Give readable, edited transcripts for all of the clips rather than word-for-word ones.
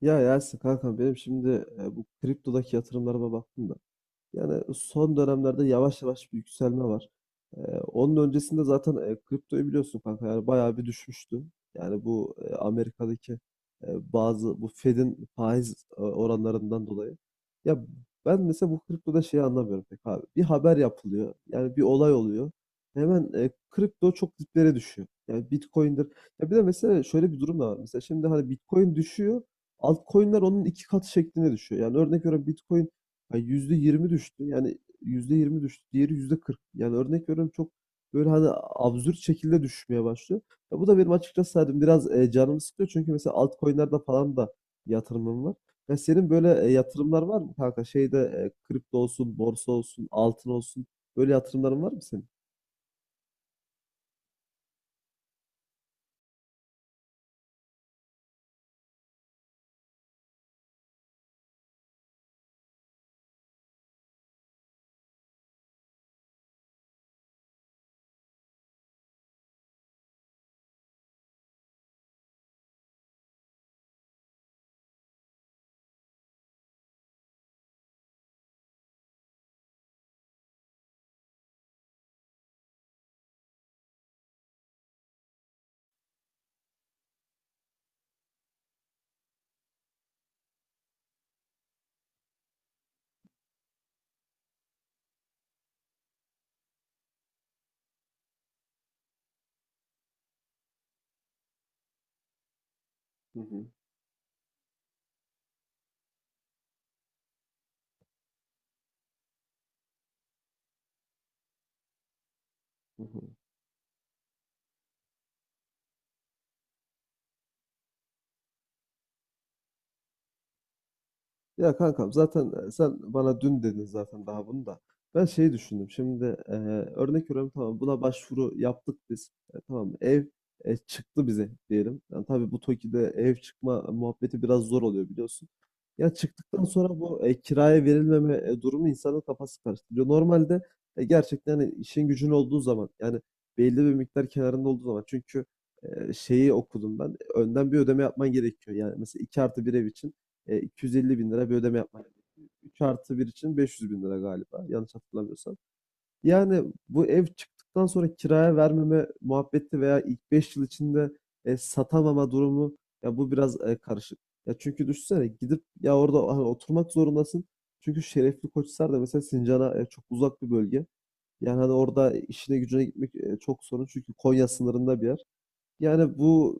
Ya Yasin kanka benim şimdi bu kriptodaki yatırımlarıma baktım da. Yani son dönemlerde yavaş yavaş bir yükselme var. Ee, onun öncesinde zaten kriptoyu biliyorsun kanka yani bayağı bir düşmüştü. Yani bu Amerika'daki e, bazı bu Fed'in faiz oranlarından dolayı. Ya ben mesela bu kriptoda şeyi anlamıyorum pek abi. Bir haber yapılıyor. Yani bir olay oluyor. Hemen kripto çok diplere düşüyor. Yani Bitcoin'dir. Ya bir de mesela şöyle bir durum da var. Mesela şimdi hani Bitcoin düşüyor. Altcoin'ler onun iki katı şeklinde düşüyor. Yani örnek veriyorum Bitcoin yani yüzde yirmi düştü. Yani %20 düştü. Diğeri %40. Yani örnek veriyorum çok böyle hani absürt şekilde düşmeye başlıyor. Ya bu da benim açıkçası hani biraz canımı sıkıyor. Çünkü mesela altcoin'lerde falan da yatırımım var. Ya senin böyle yatırımlar var mı kanka? Şeyde kripto olsun, borsa olsun, altın olsun. Böyle yatırımların var mı senin? Hı hı, hı hı. Ya kankam zaten sen bana dün dedin zaten daha bunu da. Ben şeyi düşündüm. Şimdi örnek veriyorum tamam buna başvuru yaptık biz. Tamam ev çıktı bize diyelim. Yani tabii bu TOKİ'de ev çıkma muhabbeti biraz zor oluyor biliyorsun. Ya çıktıktan sonra bu kiraya verilmeme durumu insanın kafası karıştırıyor. Normalde gerçekten hani işin gücün olduğu zaman yani belli bir miktar kenarında olduğu zaman çünkü şeyi okudum ben. Önden bir ödeme yapman gerekiyor. Yani mesela 2+1 ev için 250 bin lira bir ödeme yapmak. 3 artı 1 için 500 bin lira galiba yanlış hatırlamıyorsam. Yani bu ev çıktıktan sonra kiraya vermeme muhabbeti veya ilk 5 yıl içinde satamama durumu ya bu biraz karışık. Ya çünkü düşünsene gidip ya orada hani oturmak zorundasın. Çünkü Şerefli Koçhisar da mesela Sincan'a çok uzak bir bölge. Yani hani orada işine gücüne gitmek çok sorun. Çünkü Konya sınırında bir yer. Yani bu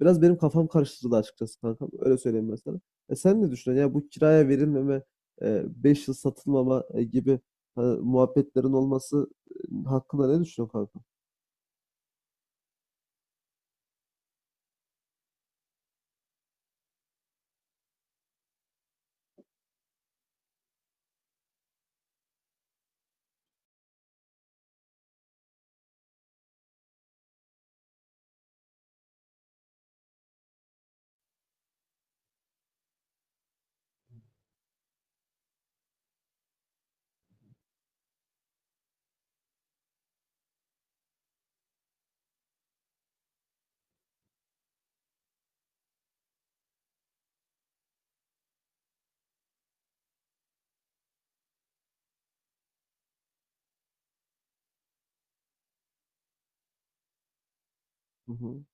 biraz benim kafam karıştırdı açıkçası kankam. Öyle söyleyeyim ben sana. Sen ne düşünüyorsun? Ya bu kiraya verilmeme, 5 yıl satılmama gibi muhabbetlerin olması hakkında ne düşünüyorsun kanka? Hı hı,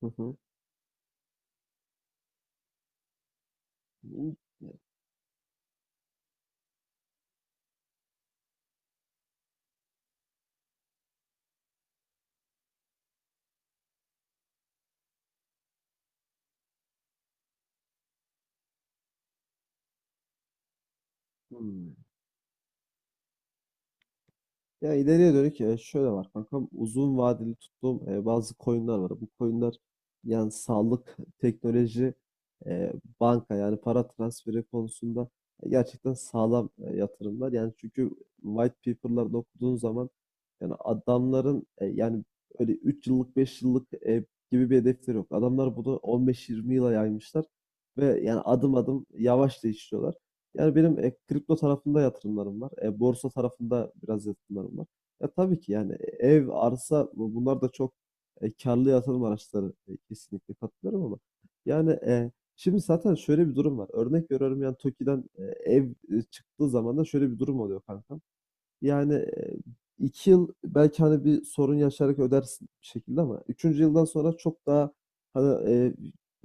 hı hı. Hmm. Ya ileriye dönük şöyle var kankam uzun vadeli tuttuğum bazı coinler var. Bu coinler yani sağlık, teknoloji, e, banka yani para transferi konusunda gerçekten sağlam yatırımlar. Yani çünkü white paper'larda okuduğun zaman yani adamların yani öyle 3 yıllık 5 yıllık gibi bir hedefleri yok. Adamlar bunu 15-20 yıla yaymışlar ve yani adım adım yavaş da işliyorlar. Yani benim kripto tarafında yatırımlarım var. Borsa tarafında biraz yatırımlarım var. Ya tabii ki yani ev, arsa bunlar da çok karlı yatırım araçları. Kesinlikle katılıyorum ama yani şimdi zaten şöyle bir durum var. Örnek veriyorum yani TOKİ'den ev çıktığı zaman da şöyle bir durum oluyor kanka. Yani iki yıl belki hani bir sorun yaşayarak ödersin bir şekilde ama üçüncü yıldan sonra çok daha hani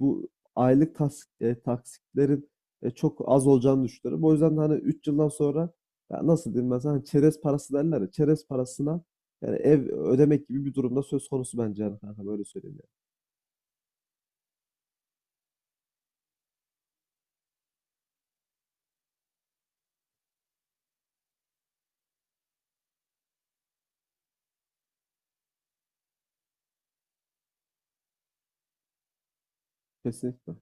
bu aylık taksitlerin çok az olacağını düşünüyorum. O yüzden de hani üç yıldan sonra ya nasıl diyeyim ben sana hani çerez parası derler ya çerez parasına yani ev ödemek gibi bir durumda söz konusu bence yani kanka böyle söyleyeyim yani. Kesinlikle.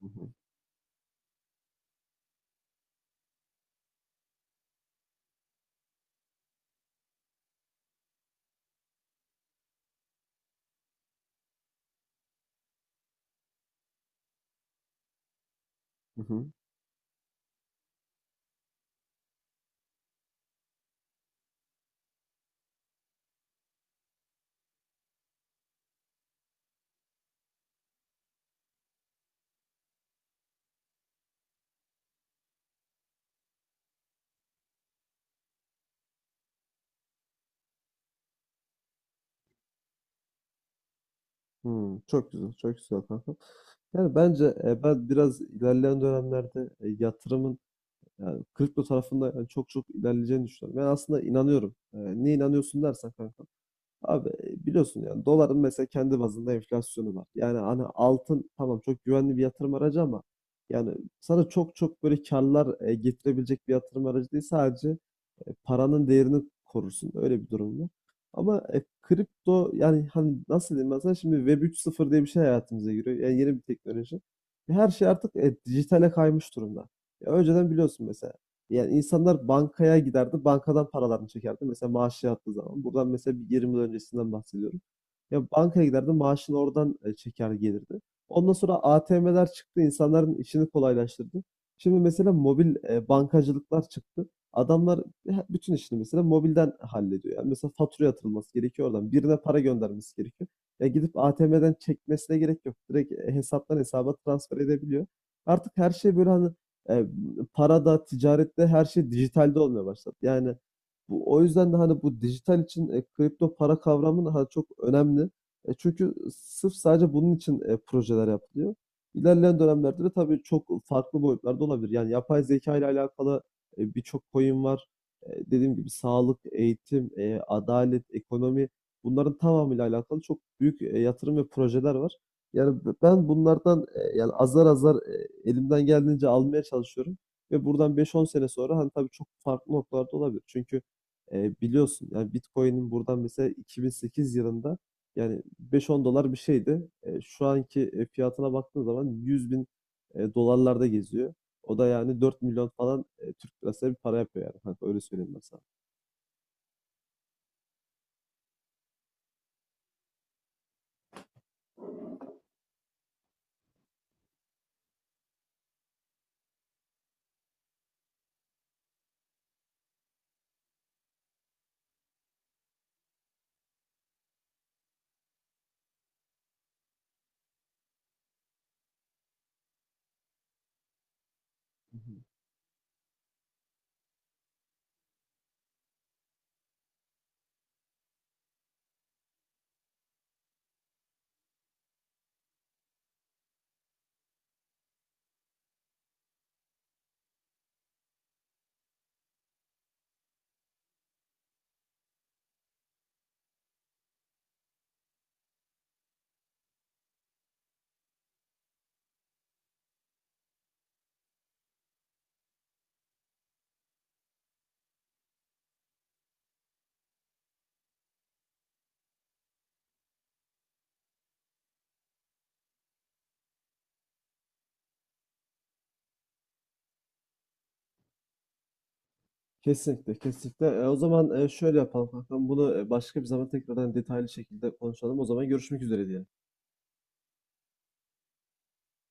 Hı hı. Hı hı. Hı. Çok güzel, çok güzel kanka. Yani bence ben biraz ilerleyen dönemlerde yatırımın yani kripto tarafında yani çok çok ilerleyeceğini düşünüyorum. Ben aslında inanıyorum. Niye inanıyorsun dersen kanka. Abi biliyorsun yani doların mesela kendi bazında enflasyonu var. Yani hani altın tamam çok güvenli bir yatırım aracı ama yani sana çok çok böyle karlar getirebilecek bir yatırım aracı değil sadece paranın değerini korursun. Öyle bir durum var. Ama kripto yani hani nasıl diyeyim ben sana şimdi Web 3.0 diye bir şey hayatımıza giriyor. Yani yeni bir teknoloji. Her şey artık dijitale kaymış durumda. Ya önceden biliyorsun mesela yani insanlar bankaya giderdi, bankadan paralarını çekerdi. Mesela maaşı yattığı zaman. Buradan mesela bir 20 yıl öncesinden bahsediyorum. Ya bankaya giderdi, maaşını oradan çeker gelirdi. Ondan sonra ATM'ler çıktı, insanların işini kolaylaştırdı. Şimdi mesela mobil bankacılıklar çıktı. Adamlar bütün işini mesela mobilden hallediyor. Yani mesela fatura yatırılması gerekiyor oradan. Birine para göndermesi gerekiyor. Ya gidip ATM'den çekmesine gerek yok. Direkt hesaptan hesaba transfer edebiliyor. Artık her şey böyle hani e, para da, ticaret de her şey dijitalde olmaya başladı. Yani bu, o yüzden de hani bu dijital için kripto para kavramı da hani çok önemli. Çünkü sırf sadece bunun için projeler yapılıyor. İlerleyen dönemlerde de tabii çok farklı boyutlarda olabilir. Yani yapay zeka ile alakalı birçok coin var. Dediğim gibi sağlık, eğitim, adalet, ekonomi bunların tamamıyla alakalı çok büyük yatırım ve projeler var. Yani ben bunlardan yani azar azar elimden geldiğince almaya çalışıyorum. Ve buradan beş on sene sonra hani tabii çok farklı noktalarda olabilir. Çünkü biliyorsun yani Bitcoin'in buradan mesela 2008 yılında yani beş on dolar bir şeydi. Şu anki fiyatına baktığın zaman 100 bin dolarlarda geziyor. O da yani 4 milyon falan Türk lirası bir para yapıyor yani kanka öyle söyleyeyim ben sana. Kesinlikle, kesinlikle. O zaman şöyle yapalım kankam. Bunu başka bir zaman tekrardan detaylı şekilde konuşalım. O zaman görüşmek üzere diyelim.